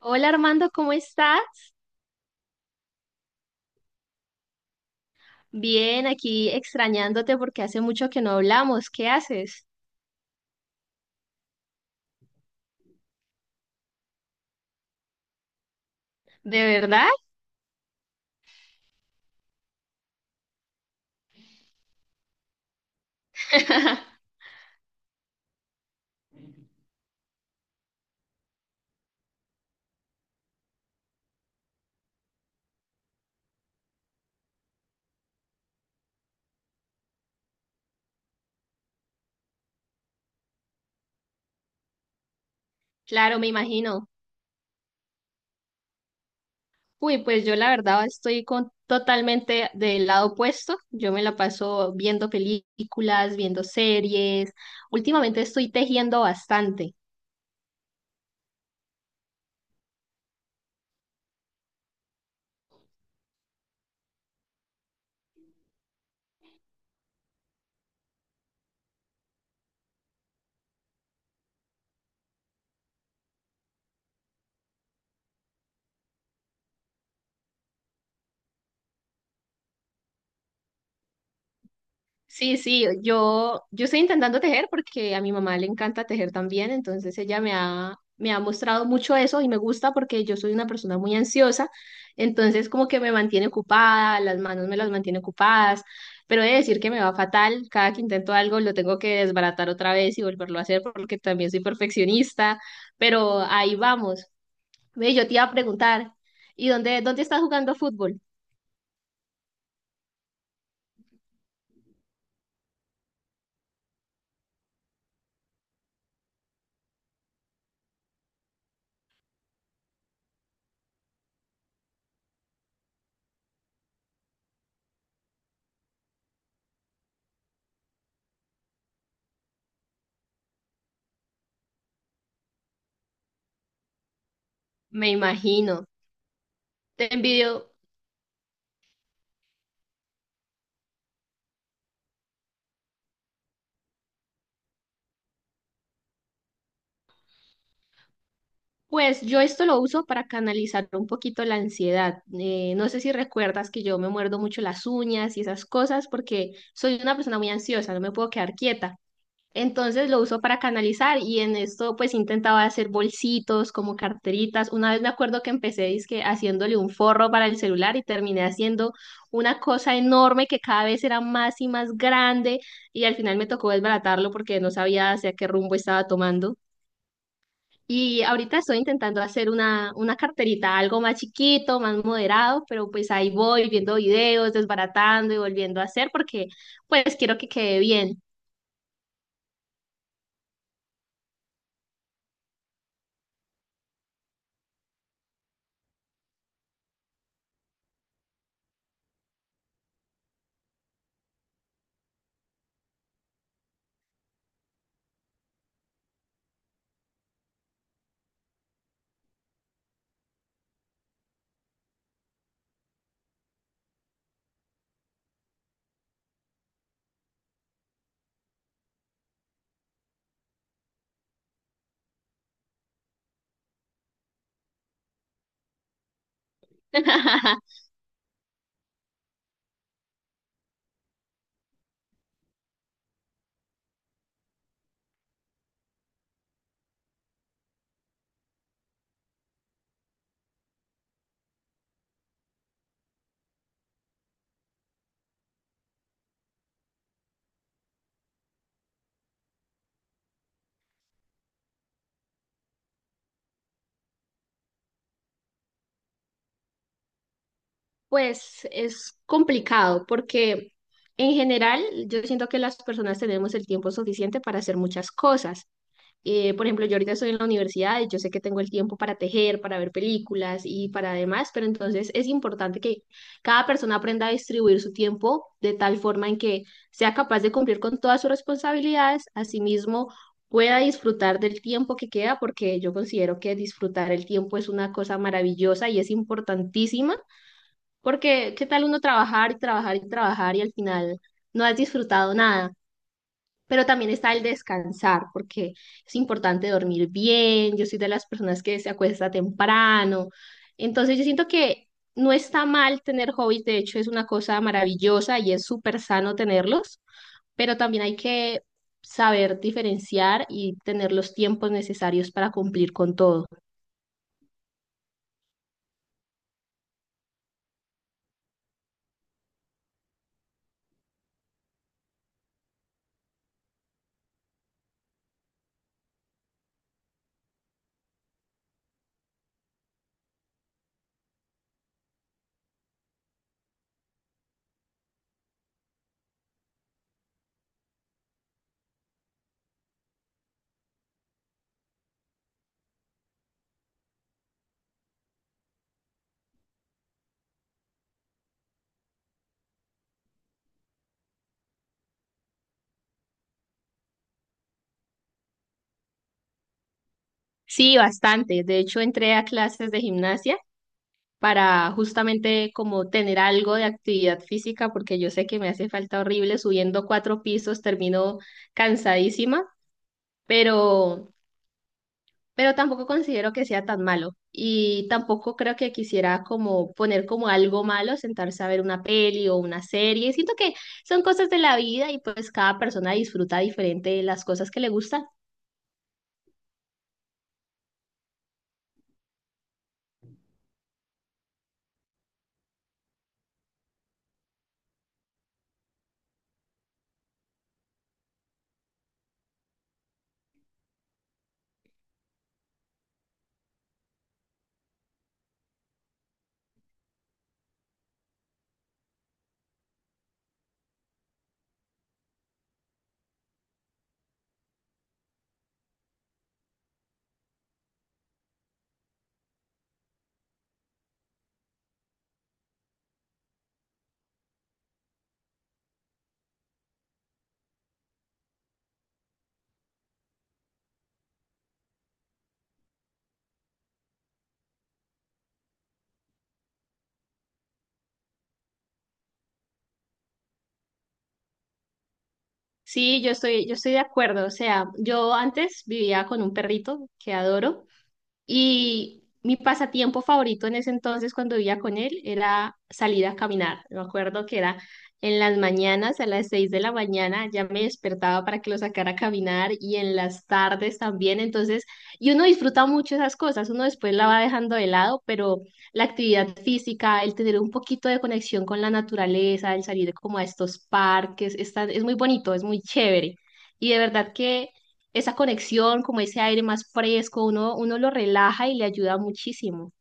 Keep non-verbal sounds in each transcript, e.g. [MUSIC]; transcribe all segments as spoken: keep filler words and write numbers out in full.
Hola Armando, ¿cómo estás? Bien, aquí extrañándote porque hace mucho que no hablamos. ¿Qué haces? ¿De verdad? [LAUGHS] Claro, me imagino. Uy, pues yo la verdad estoy con totalmente del lado opuesto. Yo me la paso viendo películas, viendo series. Últimamente estoy tejiendo bastante. Sí, sí, yo, yo estoy intentando tejer porque a mi mamá le encanta tejer también, entonces ella me ha, me ha mostrado mucho eso y me gusta porque yo soy una persona muy ansiosa, entonces como que me mantiene ocupada, las manos me las mantiene ocupadas, pero he de decir que me va fatal, cada que intento algo lo tengo que desbaratar otra vez y volverlo a hacer porque también soy perfeccionista, pero ahí vamos. Ve, yo te iba a preguntar, ¿y dónde, dónde estás jugando fútbol? Me imagino. Te envidio. Pues yo esto lo uso para canalizar un poquito la ansiedad. Eh, no sé si recuerdas que yo me muerdo mucho las uñas y esas cosas porque soy una persona muy ansiosa, no me puedo quedar quieta. Entonces lo uso para canalizar y en esto pues intentaba hacer bolsitos como carteritas. Una vez me acuerdo que empecé dizque haciéndole un forro para el celular y terminé haciendo una cosa enorme que cada vez era más y más grande y al final me tocó desbaratarlo porque no sabía hacia qué rumbo estaba tomando. Y ahorita estoy intentando hacer una, una carterita, algo más chiquito, más moderado, pero pues ahí voy viendo videos, desbaratando y volviendo a hacer porque pues quiero que quede bien. [LAUGHS] Pues es complicado porque en general yo siento que las personas tenemos el tiempo suficiente para hacer muchas cosas. Eh, por ejemplo, yo ahorita estoy en la universidad y yo sé que tengo el tiempo para tejer, para ver películas y para demás, pero entonces es importante que cada persona aprenda a distribuir su tiempo de tal forma en que sea capaz de cumplir con todas sus responsabilidades, asimismo pueda disfrutar del tiempo que queda, porque yo considero que disfrutar el tiempo es una cosa maravillosa y es importantísima, porque qué tal uno trabajar y trabajar y trabajar y al final no has disfrutado nada. Pero también está el descansar, porque es importante dormir bien. Yo soy de las personas que se acuesta temprano. Entonces, yo siento que no está mal tener hobbies. De hecho, es una cosa maravillosa y es súper sano tenerlos. Pero también hay que saber diferenciar y tener los tiempos necesarios para cumplir con todo. Sí, bastante. De hecho, entré a clases de gimnasia para justamente como tener algo de actividad física, porque yo sé que me hace falta horrible subiendo cuatro pisos, termino cansadísima, pero pero tampoco considero que sea tan malo y tampoco creo que quisiera como poner como algo malo sentarse a ver una peli o una serie. Siento que son cosas de la vida y pues cada persona disfruta diferente de las cosas que le gustan. Sí, yo estoy, yo estoy de acuerdo. O sea, yo antes vivía con un perrito que adoro. Y mi pasatiempo favorito en ese entonces, cuando vivía con él, era salir a caminar. Me acuerdo que era en las mañanas, a las seis de la mañana, ya me despertaba para que lo sacara a caminar y en las tardes también. Entonces, y uno disfruta mucho esas cosas, uno después la va dejando de lado, pero la actividad física, el tener un poquito de conexión con la naturaleza, el salir como a estos parques, está- es muy bonito, es muy chévere. Y de verdad que esa conexión, como ese aire más fresco, uno, uno lo relaja y le ayuda muchísimo.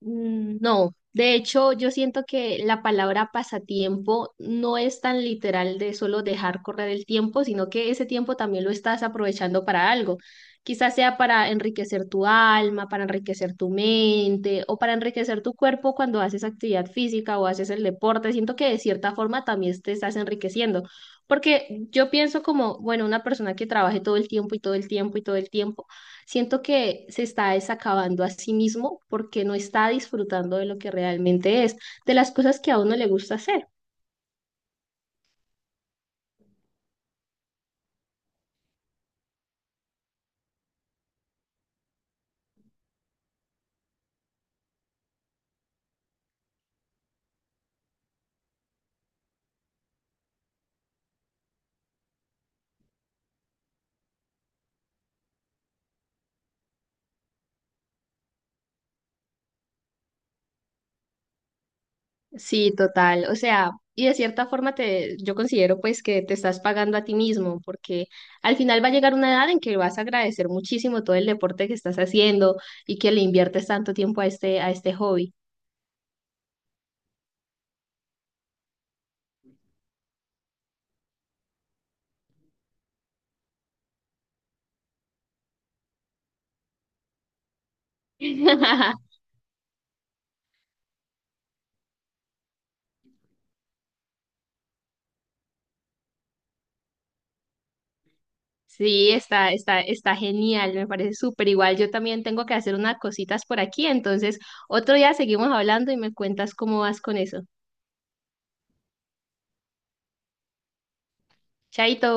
Mm, no, de hecho yo siento que la palabra pasatiempo no es tan literal de solo dejar correr el tiempo, sino que ese tiempo también lo estás aprovechando para algo. Quizás sea para enriquecer tu alma, para enriquecer tu mente o para enriquecer tu cuerpo cuando haces actividad física o haces el deporte. Siento que de cierta forma también te estás enriqueciendo, porque yo pienso como, bueno, una persona que trabaje todo el tiempo y todo el tiempo y todo el tiempo. Siento que se está desacabando a sí mismo porque no está disfrutando de lo que realmente es, de las cosas que a uno le gusta hacer. Sí, total. O sea, y de cierta forma te, yo considero pues que te estás pagando a ti mismo porque al final va a llegar una edad en que vas a agradecer muchísimo todo el deporte que estás haciendo y que le inviertes tanto tiempo a este, a este hobby. [LAUGHS] Sí, está, está, está genial, me parece súper igual. Yo también tengo que hacer unas cositas por aquí, entonces otro día seguimos hablando y me cuentas cómo vas con eso. Chaito.